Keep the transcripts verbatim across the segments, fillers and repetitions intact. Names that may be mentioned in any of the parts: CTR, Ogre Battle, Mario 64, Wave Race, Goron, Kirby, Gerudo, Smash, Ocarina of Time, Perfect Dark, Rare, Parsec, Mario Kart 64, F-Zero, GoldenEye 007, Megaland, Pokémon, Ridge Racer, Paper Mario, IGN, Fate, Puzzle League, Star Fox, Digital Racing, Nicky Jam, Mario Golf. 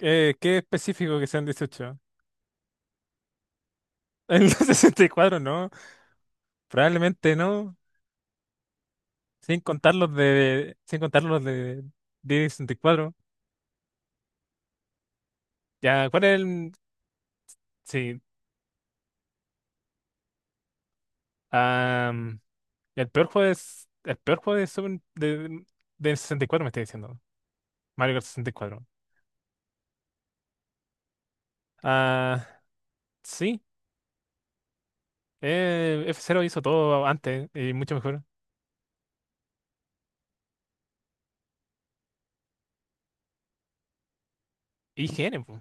Eh, qué específico que sean dieciocho. En los sesenta y cuatro, ¿no? Probablemente no. Sin contar los de. Sin contar los de diez y sesenta y cuatro. Ya, ¿cuál es el? Sí. am, el peor juego es. El peor juego de Super- de, de sesenta y cuatro me estoy diciendo. Mario Kart sesenta y cuatro. Ah, sí. eh, F-Zero hizo todo antes y mucho mejor. Y I G N, po.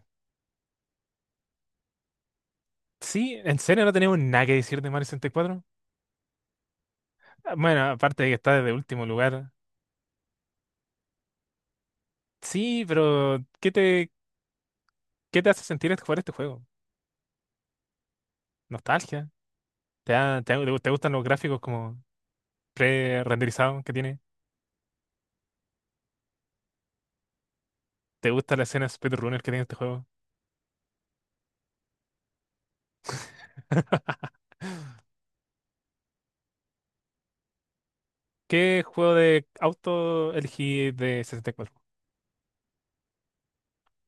Sí, en serio no tenemos nada que decir de Mario sesenta y cuatro. Ah, bueno, aparte de que está de último lugar. Sí, pero ¿qué te, qué te hace sentir es jugar este juego? ¿Nostalgia? ¿Te, da- te, te te gustan los gráficos como pre-renderizados que tiene? ¿Te gusta la escena speedrunner que tiene este juego? ¿Qué juego de auto elegí de sesenta y cuatro?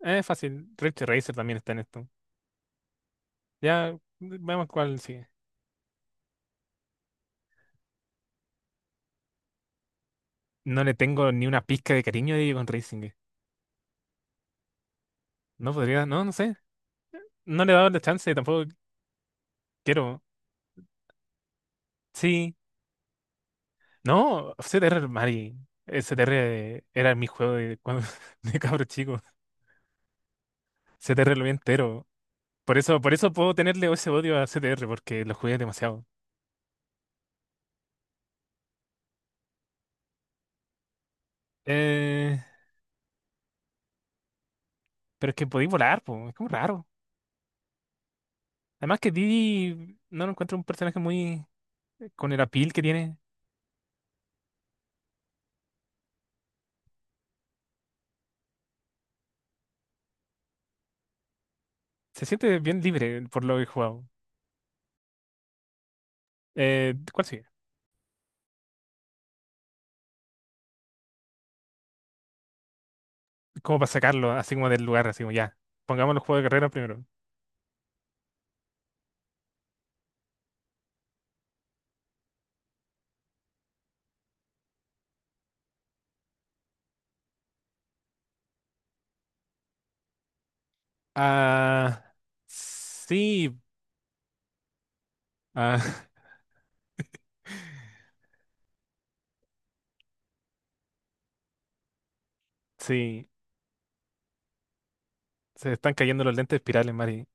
Es fácil, Ridge Racer también está en esto. Ya, vemos cuál sigue. No le tengo ni una pizca de cariño a Digital Racing. No podría, no, no sé. No le he dado la chance, tampoco quiero. Sí, no, C T R, Mari. eh, C T R era mi juego de, cuando, de cabro chico. C T R lo vi entero. Por eso, por eso puedo tenerle ese odio a C T R, porque lo jugué demasiado. Eh, pero es que podéis volar, po, es como raro. Además que Didi no lo encuentro un personaje muy eh, con el apil que tiene. Se siente bien libre por lo que he jugado. Eh, ¿cuál sigue? Como para sacarlo, así como del lugar, así como ya. Pongamos los juegos de carrera primero. Ah, sí. Ah, sí. Se están cayendo los lentes espirales, Mari.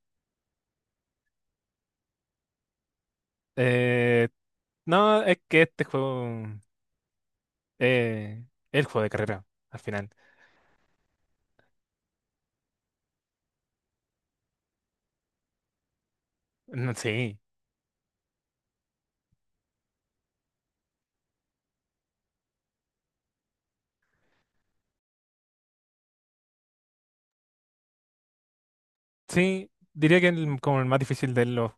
Eh, no, es que este juego eh, es el juego de carrera, al final. No, sí, sí, diría que el- como el más difícil de los,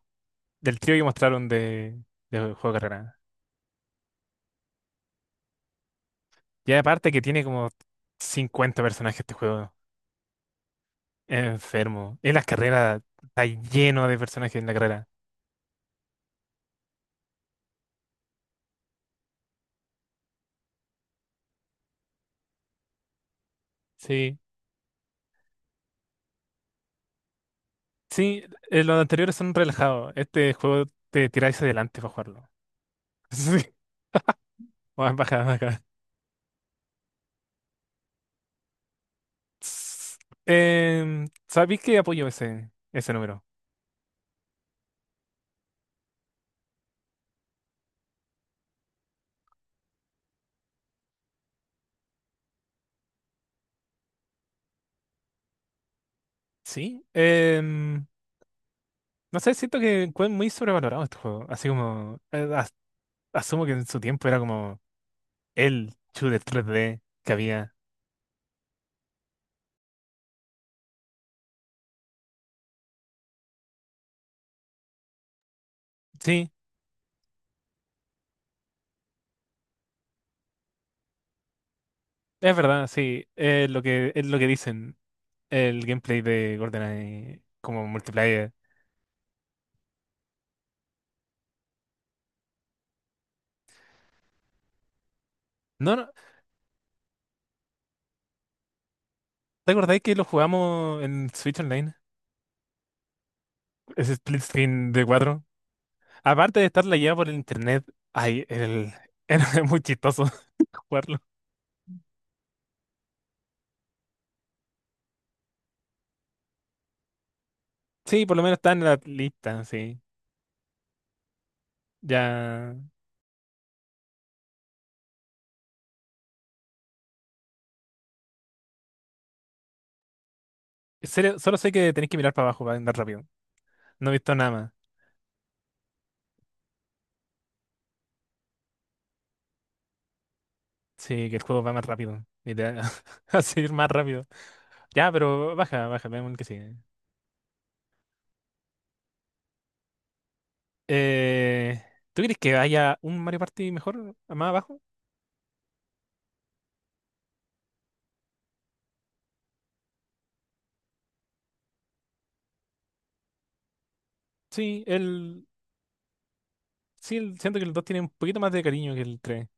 del trío que mostraron de, de juego de carrera. Y aparte que tiene como cincuenta personajes este juego. Es enfermo. En las carreras está lleno de personajes en la carrera. Sí, sí, eh, los anteriores son relajados. Este juego te tiráis adelante para jugarlo. Sí, baja, baja. S- em, ¿Sabéis que apoyo ese, ese número? Sí. Em, no sé, siento que fue muy sobrevalorado este juego. Así como, eh, as- asumo que en su tiempo era como el shooter tres D que había. Sí, es verdad, sí. Es lo que, es lo que dicen el gameplay de GoldenEye como multiplayer. No, no, ¿te acordáis que lo jugamos en Switch Online? Ese split screen de cuatro. Aparte de estar lagueado por el internet, ay, el, era muy chistoso jugarlo. Sí, por lo menos está en la lista, sí. Ya. En serio, solo sé que tenéis que mirar para abajo para andar rápido. No he visto nada más. Sí, que el juego va más rápido. Literal. Va a seguir más rápido. Ya, pero baja, baja, veamos el que sigue. Eh, ¿Tú crees que haya un Mario Party mejor, más abajo? Sí, el. Sí, el- siento que el dos tiene un poquito más de cariño que el tres.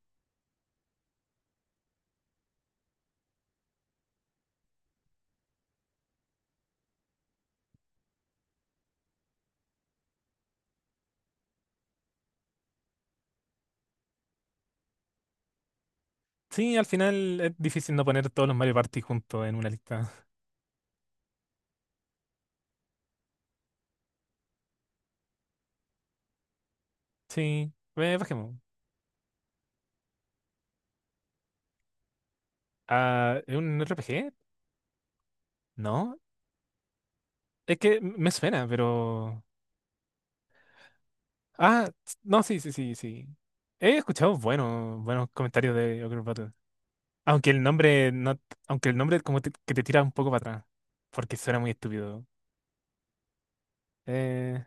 Sí, al final es difícil no poner todos los Mario Party juntos en una lista. Sí, eh, bajemos. Ah, ¿es un R P G? No. Es que me suena, pero. Ah, s- no, sí, sí, sí, sí. He escuchado buenos, buenos comentarios de Ogre Battle. Aunque el nombre no, aunque el nombre como te- que te tira un poco para atrás. Porque suena muy estúpido. Eh,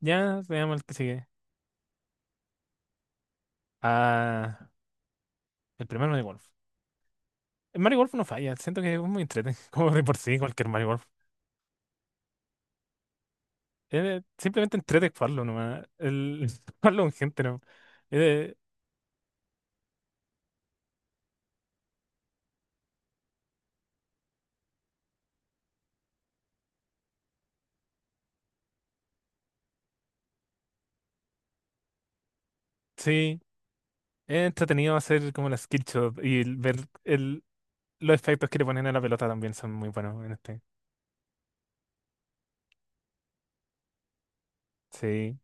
ya, veamos el que sigue. Ah, el primer Mario Golf. El Mario Golf no falla, siento que es muy entretenido, como de por sí, cualquier Mario Golf. Eh, simplemente entrete jugarlo nomás. El jugarlo con gente, ¿no? Eh, sí, es entretenido hacer como la skill shot y el ver el Los efectos que le ponen a la pelota también son muy buenos en este. Sí,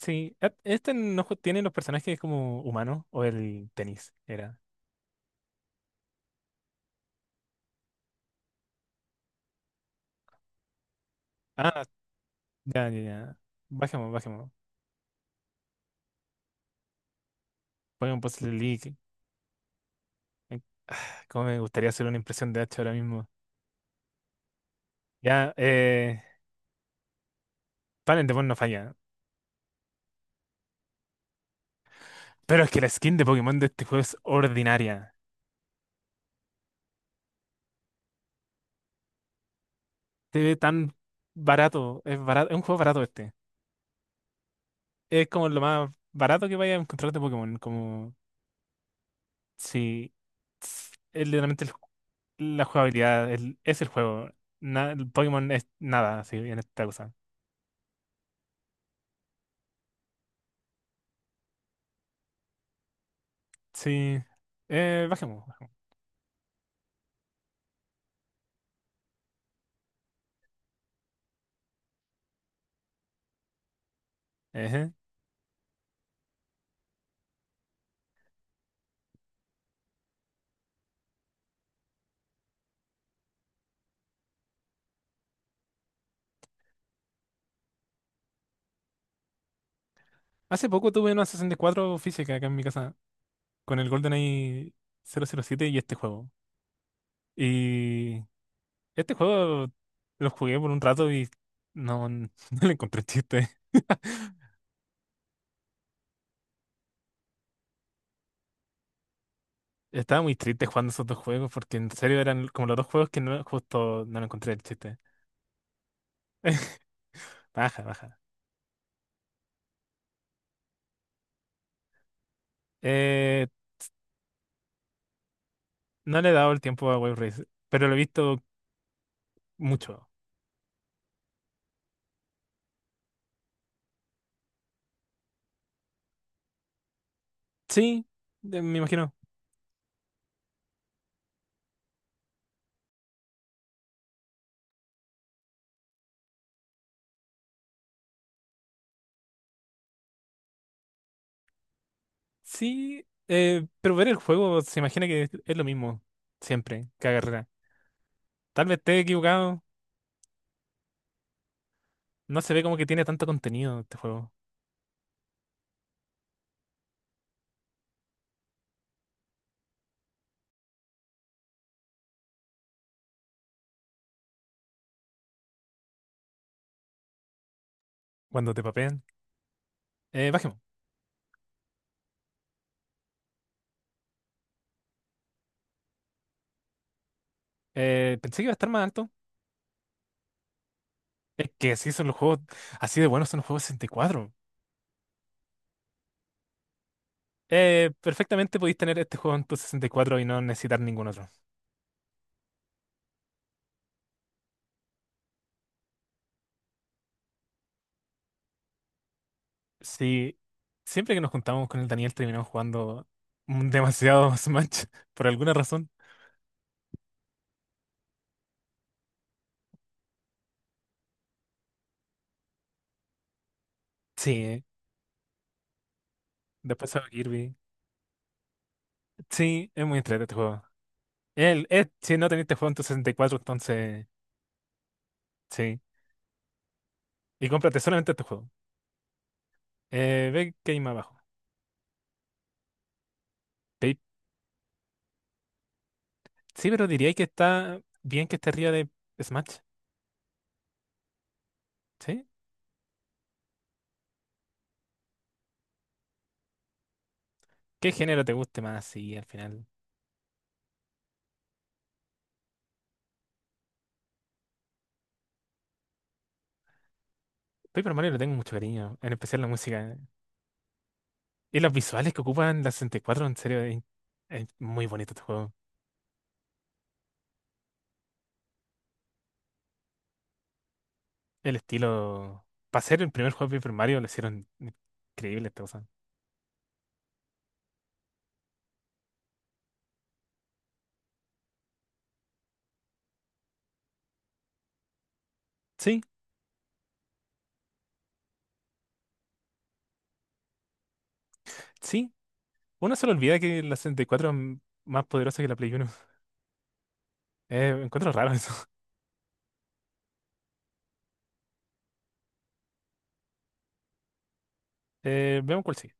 sí. Ah, este no ju- tiene los personajes como humanos o el tenis, era. Ah, ya, ya, ya. Bajemos, bajemos. Pongan Puzzle League. Eh, ah, Cómo me gustaría hacer una impresión de H ahora mismo. Ya, eh. Talent Demon no falla. Pero es que la skin de Pokémon de este juego es ordinaria. Se ve tan barato. Es barato. Es un juego barato este. Es como lo más barato que vaya a encontrar de Pokémon. Como. Sí. Es literalmente el la jugabilidad el- es el juego. Na- el Pokémon es nada, así, en esta cosa. Sí. Eh, bajemos. bajemos. Ejé. Hace poco tuve una sesenta y cuatro física acá en mi casa con el GoldenEye cero cero siete y este juego. Y este juego lo jugué por un rato y no, no le encontré chiste. Estaba muy triste jugando esos dos juegos porque en serio eran como los dos juegos que no, justo no le encontré el chiste. Baja, baja. Eh, no le he dado el tiempo a Wave Race, pero lo he visto mucho. Sí, eh, me imagino. Sí, eh, pero ver el juego se imagina que es es lo mismo, siempre, cada carrera. Tal vez esté equivocado, no se ve como que tiene tanto contenido este juego cuando te papean. Eh, bajemos. Eh, pensé que iba a estar más alto. Es que así son los juegos, así de buenos son los juegos sesenta y cuatro. Eh, perfectamente podéis tener este juego en tu sesenta y cuatro y cuatro y no necesitar ningún otro. Sí, siempre que nos juntamos con el Daniel terminamos jugando demasiado Smash por alguna razón. Sí, después a Kirby. Sí, es muy entretenido este juego. El, es- si no teniste juego en tu sesenta y cuatro, entonces sí. Y cómprate solamente este juego. Eh, ve que hay más abajo. Pe- Sí, pero diría que está bien que esté arriba de Smash. ¿Sí? ¿Qué género te guste más? Sí, al final. Paper Mario le tengo mucho cariño, en especial la música. Y los visuales que ocupan la sesenta y cuatro, en serio, es, es muy bonito este juego. El estilo. Para ser el primer juego de Paper Mario, lo hicieron increíble esta cosa. Sí, sí. Uno se le olvida que la sesenta y cuatro es m- más poderosa que la Play uno. Eh, encuentro raro eso. Eh, veamos cuál sigue.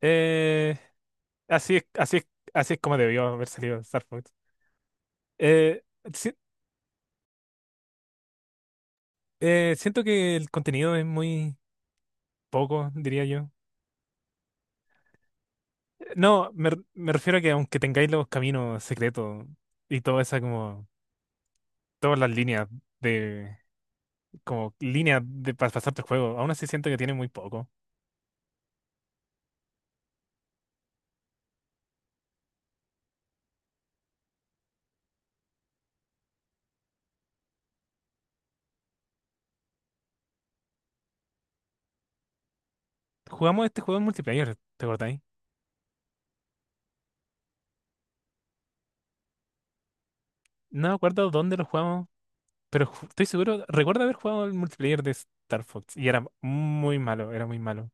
Eh, Así es, así es, así es como debió haber salido Star Fox. Eh, si- eh, Siento que el contenido es muy poco, diría yo. Eh, No, me, r- me refiero a que aunque tengáis los caminos secretos y toda esa como, todas las líneas de, como líneas de para pasarte el juego, aún así siento que tiene muy poco. Jugamos este juego en multiplayer, ¿te acordáis? No me acuerdo dónde lo jugamos. Pero ju- estoy seguro, recuerdo haber jugado el multiplayer de Star Fox y era muy malo, era muy malo.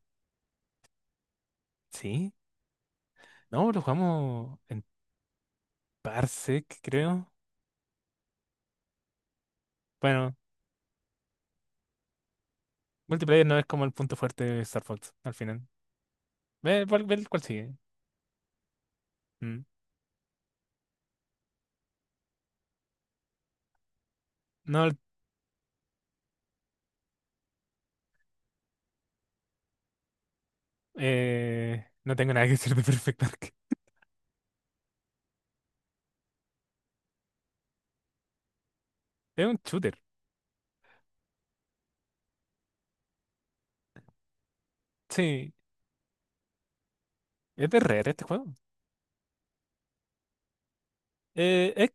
¿Sí? No, lo jugamos en Parsec, creo. Bueno, multiplayer no es como el punto fuerte de Star Fox al final. Ve, cuál, ve cuál sigue. Mm. No, eh, no tengo nada que decir de Perfect Dark. Es un shooter. Sí, es de Rare este juego. Eh, es-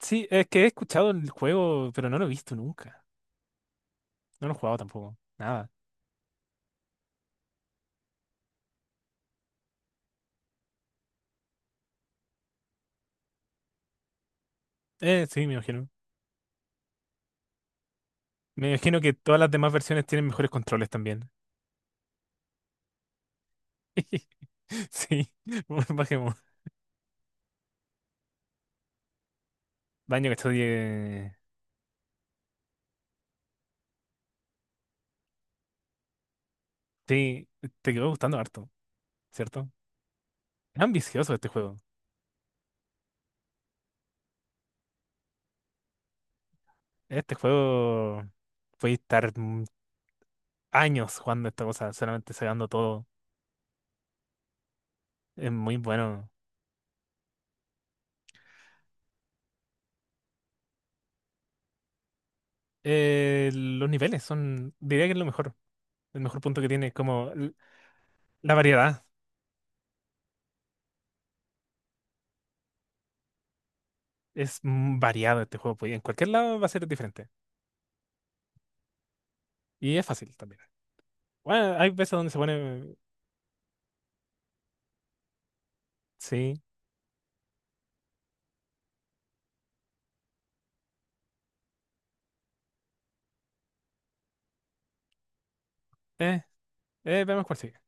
sí, es que he escuchado el juego, pero no lo he visto nunca. No lo he jugado tampoco. Nada. Eh, sí, me imagino. Me imagino que todas las demás versiones tienen mejores controles también. Sí, bajemos. Daño que estoy. eh, Sí, te quedó gustando harto, ¿cierto? Es ambicioso este juego. Este juego puede estar mm, años jugando esta cosa, solamente sacando todo. Es muy bueno. Eh, los niveles son, diría que es lo mejor. El mejor punto que tiene, como l- la variedad. Es mm, variado este juego, pues, y en cualquier lado va a ser diferente. Y es fácil también. Bueno, hay veces donde se pone. Sí. eh, Eh, veamos cuál sigue.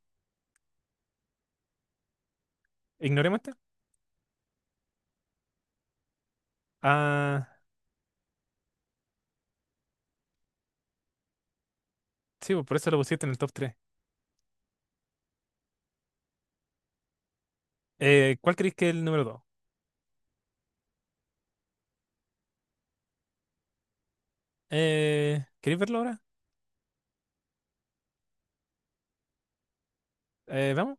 ¿Ignoremos esta? Ah, sí, pues por eso lo pusiste en el top tres. Eh, ¿cuál creéis que es el número dos? Eh, ¿queréis verlo ahora? Eh, ¿vamos?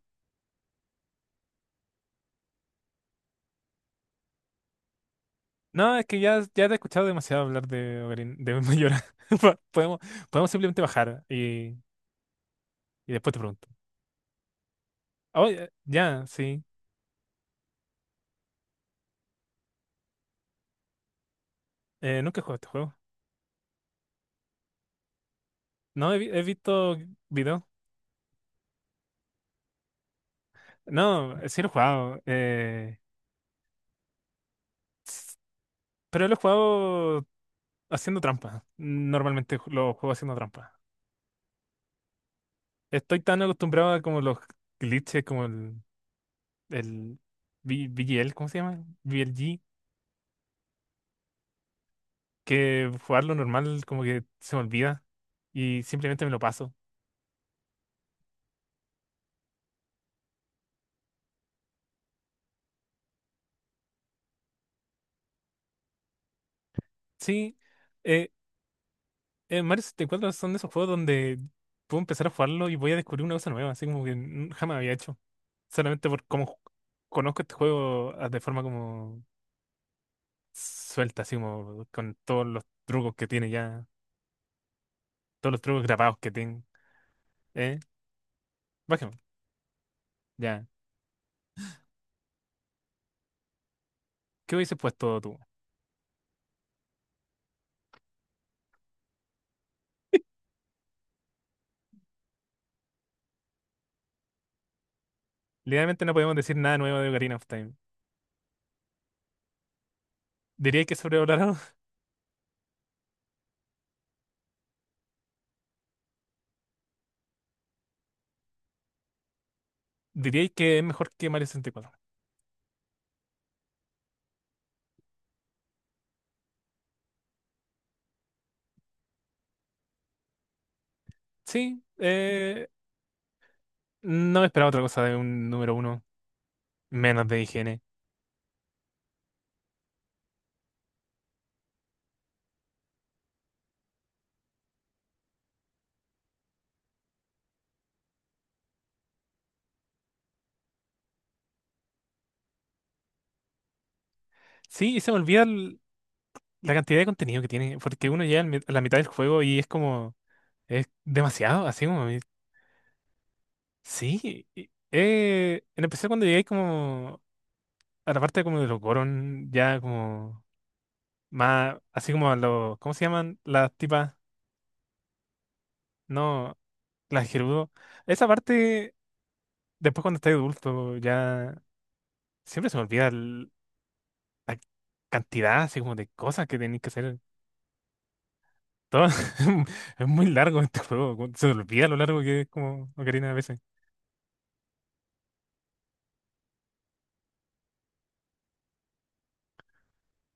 No, es que ya, ya te he escuchado demasiado hablar de Ocarina, de Mayora. Po- Podemos, Podemos simplemente bajar y, y después te pregunto. Oh, ya, ya, sí. Eh, nunca he jugado este juego. No, he, vi- he visto videos. No, sí lo he jugado. eh, s- pero lo he jugado haciendo trampa. Normalmente ju- lo juego haciendo trampa. Estoy tan acostumbrado a como los glitches, como el, el B- BGL, ¿cómo se llama? B L G, que jugarlo normal como que se me olvida y simplemente me lo paso. Sí, eh, eh, Mario sesenta y cuatro son de esos juegos donde puedo empezar a jugarlo y voy a descubrir una cosa nueva, así como que nunca jamás había hecho. Solamente por cómo ju- conozco este juego ah, de forma como suelta, así como con todos los trucos que tiene ya, todos los trucos grabados que tiene. ¿Eh? Bájame, ya. ¿Qué hubiese puesto tú? Literalmente no podemos decir nada nuevo de Ocarina of Time. ¿Diríais que es sobrevalorado? ¿Diríais que es mejor que Mario sesenta y cuatro? Sí, eh, no esperaba otra cosa de un número uno, menos de higiene. Sí, y se me olvida el- la cantidad de contenido que tiene, porque uno llega al mi- a la mitad del juego y es como, es demasiado, así como, eh, sí. Y- Eh, en especial cuando llegáis como a la parte como de los Goron, ya como más, así como a los, ¿cómo se llaman? Las tipas, no, las Gerudo. Esa parte después cuando estás adulto, ya siempre se me olvida el- la cantidad así como de cosas que tenéis que hacer. Todo, es muy largo este juego, como- se me olvida lo largo que es como Ocarina a veces.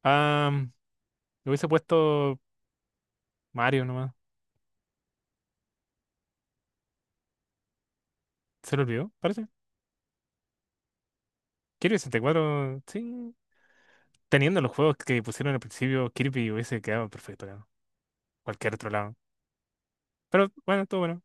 Ah, le hubiese puesto Mario nomás, se lo olvidó, parece. Kirby sesenta y cuatro sí. Teniendo los juegos que pusieron al principio, Kirby hubiese quedado perfecto, creo. Cualquier otro lado. Pero bueno, todo bueno.